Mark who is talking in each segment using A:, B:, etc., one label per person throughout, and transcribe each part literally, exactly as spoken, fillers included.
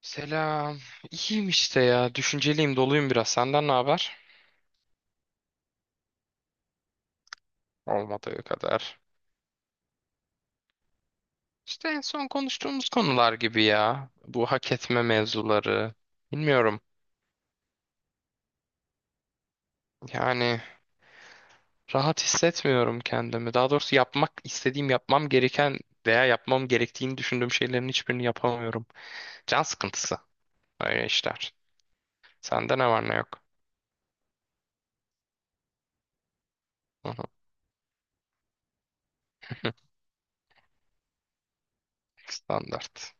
A: Selam. İyiyim işte ya. Düşünceliyim, doluyum biraz. Senden ne haber? Olmadığı kadar. İşte en son konuştuğumuz konular gibi ya. Bu hak etme mevzuları. Bilmiyorum. Yani rahat hissetmiyorum kendimi. Daha doğrusu yapmak istediğim, yapmam gereken veya yapmam gerektiğini düşündüğüm şeylerin hiçbirini yapamıyorum. Can sıkıntısı. Öyle işler. Sende ne var ne yok. Hı hı. Standart.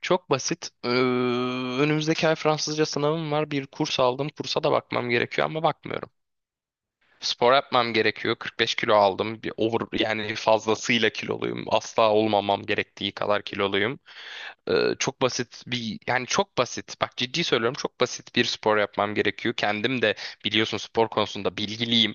A: Çok basit. Ee, önümüzdeki ay Fransızca sınavım var. Bir kurs aldım. Kursa da bakmam gerekiyor ama bakmıyorum. Spor yapmam gerekiyor. kırk beş kilo aldım. Bir over, yani fazlasıyla kiloluyum. Asla olmamam gerektiği kadar kiloluyum. Ee, çok basit bir yani çok basit. Bak ciddi söylüyorum, çok basit bir spor yapmam gerekiyor. Kendim de biliyorsun, spor konusunda bilgiliyim.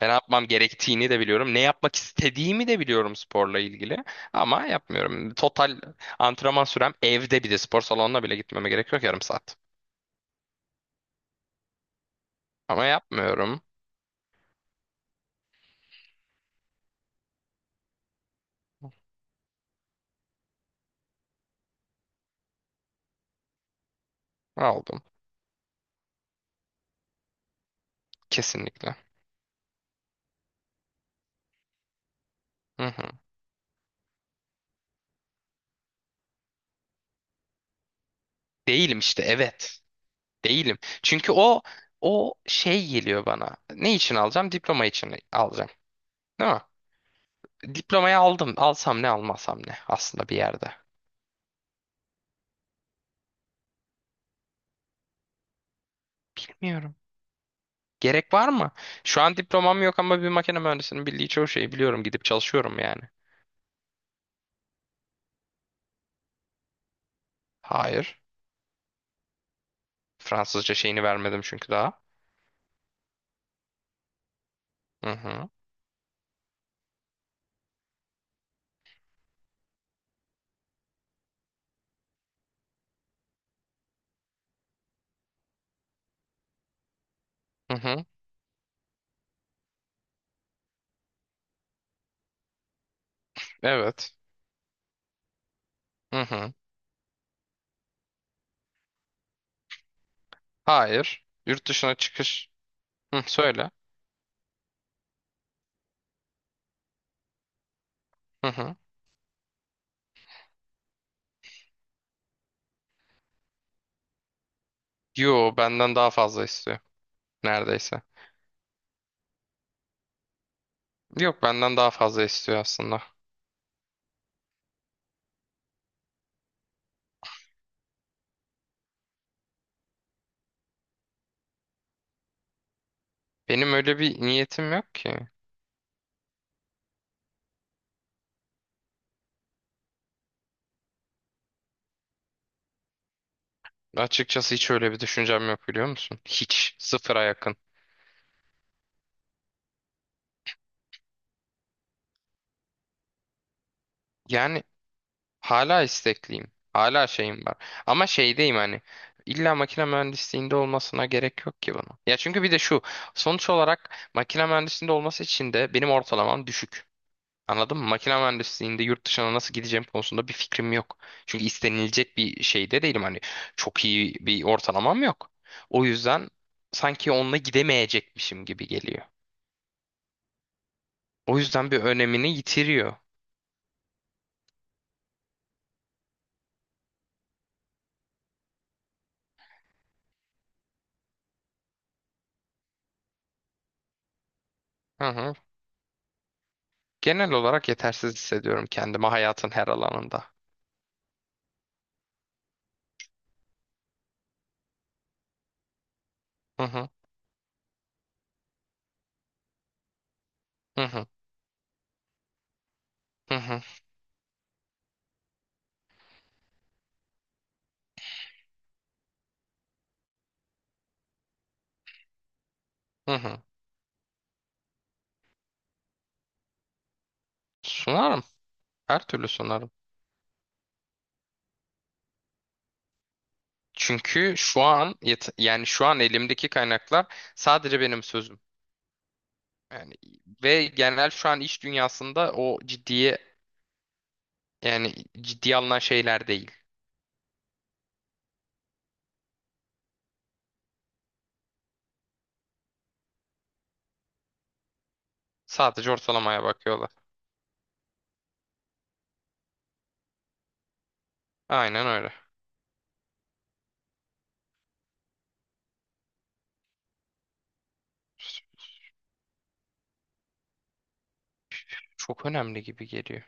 A: Ben ne yapmam gerektiğini de biliyorum. Ne yapmak istediğimi de biliyorum sporla ilgili. Ama yapmıyorum. Total antrenman sürem evde, bir de spor salonuna bile gitmeme gerek yok, yarım saat. Ama yapmıyorum. Aldım. Kesinlikle. Hı hı. Değilim işte, evet. Değilim. Çünkü o o şey geliyor bana. Ne için alacağım? Diploma için alacağım. Değil mi? Diplomayı aldım. Alsam ne almasam ne aslında bir yerde. Bilmiyorum. Gerek var mı? Şu an diplomam yok ama bir makine mühendisinin bildiği çoğu şeyi biliyorum. Gidip çalışıyorum yani. Hayır. Fransızca şeyini vermedim çünkü daha. Hı hı. Hı hı. Evet. Hı hı. Hayır. Yurt dışına çıkış. Hı, söyle. Hı hı. Yo, benden daha fazla istiyor. Neredeyse. Yok, benden daha fazla istiyor aslında. Benim öyle bir niyetim yok ki. Açıkçası hiç öyle bir düşüncem yok, biliyor musun? Hiç. Sıfıra yakın. Yani hala istekliyim. Hala şeyim var. Ama şeydeyim hani. İlla makine mühendisliğinde olmasına gerek yok ki bunun. Ya çünkü bir de şu. Sonuç olarak makine mühendisliğinde olması için de benim ortalamam düşük. Anladın mı? Makine mühendisliğinde yurt dışına nasıl gideceğim konusunda bir fikrim yok. Çünkü istenilecek bir şeyde değilim. Hani çok iyi bir ortalamam yok. O yüzden sanki onunla gidemeyecekmişim gibi geliyor. O yüzden bir önemini yitiriyor. Hı hı. Genel olarak yetersiz hissediyorum kendimi hayatın her alanında. Hı hı. Hı hı, hı hı, hı hı. Sunarım. Her türlü sunarım. Çünkü şu an yet- yani şu an elimdeki kaynaklar sadece benim sözüm. Yani ve genel şu an iş dünyasında o ciddiye, yani ciddiye alınan şeyler değil. Sadece ortalamaya bakıyorlar. Aynen öyle. Çok önemli gibi geliyor.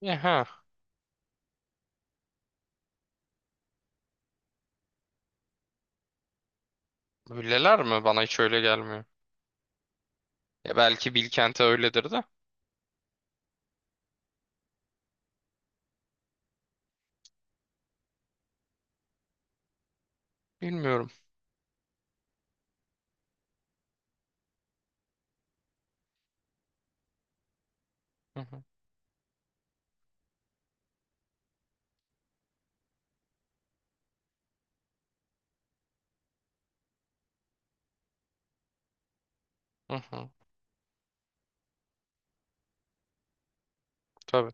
A: Ya ha, öyleler mi? Bana hiç öyle gelmiyor. Ya belki Bilkent'e öyledir de bilmiyorum. Hı hı, hı hı. Tabii.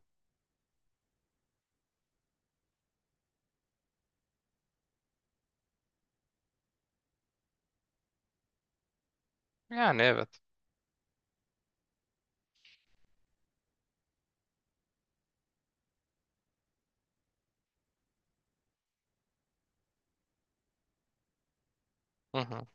A: Yani evet. Hı hı,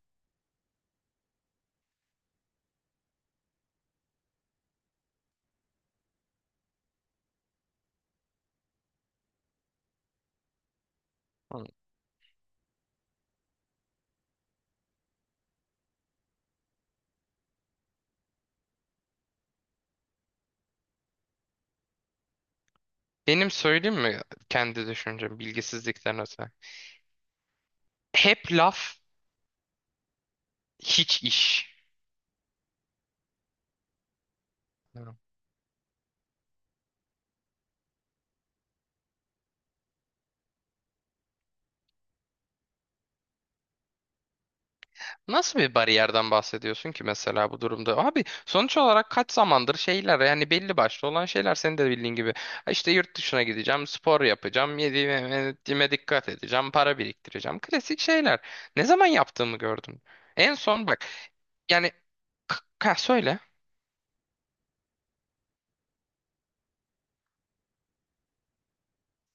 A: hı. Benim söyleyeyim mi kendi düşüncem bilgisizlikten öte? Hep laf, hiç iş. Anlıyorum. Nasıl bir bariyerden bahsediyorsun ki mesela bu durumda? Abi sonuç olarak kaç zamandır şeyler, yani belli başlı olan şeyler senin de bildiğin gibi. Ha, İşte yurt dışına gideceğim, spor yapacağım, yediğime, yediğime dikkat edeceğim, para biriktireceğim. Klasik şeyler. Ne zaman yaptığımı gördün? En son bak, yani k- ha, söyle.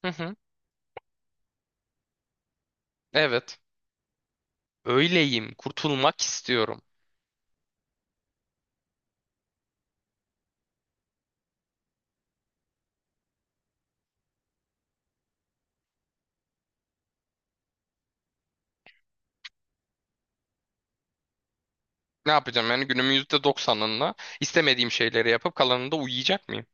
A: Hı hı. Evet. Öyleyim. Kurtulmak istiyorum. Ne yapacağım yani, günümün yüzde doksanında istemediğim şeyleri yapıp kalanında uyuyacak mıyım?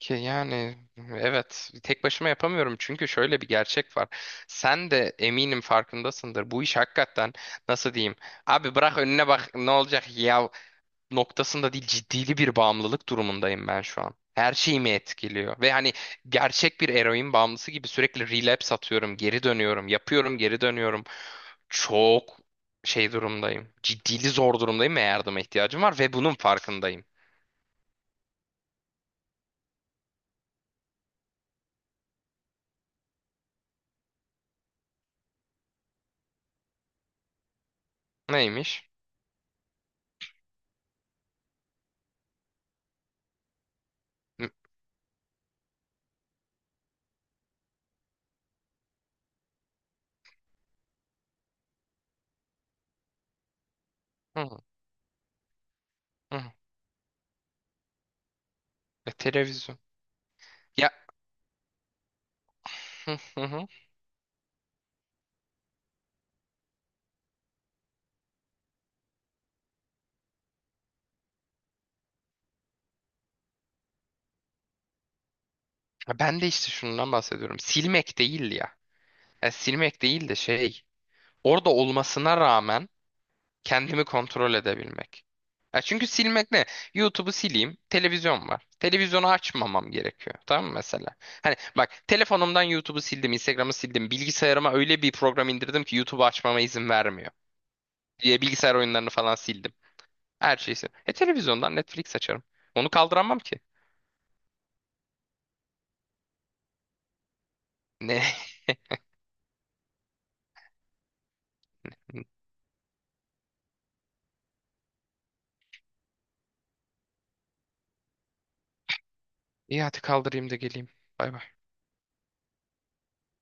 A: Ki yani evet, tek başıma yapamıyorum çünkü şöyle bir gerçek var. Sen de eminim farkındasındır. Bu iş hakikaten nasıl diyeyim? Abi, bırak önüne bak ne olacak ya noktasında değil, ciddili bir bağımlılık durumundayım ben şu an. Her şeyimi etkiliyor. Ve hani gerçek bir eroin bağımlısı gibi sürekli relapse atıyorum, geri dönüyorum, yapıyorum, geri dönüyorum. Çok şey durumdayım. Ciddili zor durumdayım ve yardıma ihtiyacım var ve bunun farkındayım. Neymiş? Hı, hı, hı. E, televizyon. Ya, hı, hı, hı. Ya, ben de işte şundan bahsediyorum. Silmek değil ya. Ya silmek değil de şey. Orada olmasına rağmen kendimi kontrol edebilmek. Ya çünkü silmek ne? YouTube'u sileyim, televizyon var. Televizyonu açmamam gerekiyor. Tamam mı mesela? Hani bak, telefonumdan YouTube'u sildim, Instagram'ı sildim. Bilgisayarıma öyle bir program indirdim ki YouTube'u açmama izin vermiyor. Diye bilgisayar oyunlarını falan sildim. Her şeyi sildim. E televizyondan Netflix açarım. Onu kaldıramam ki. Ne? İyi, hadi kaldırayım da geleyim. Bay bay.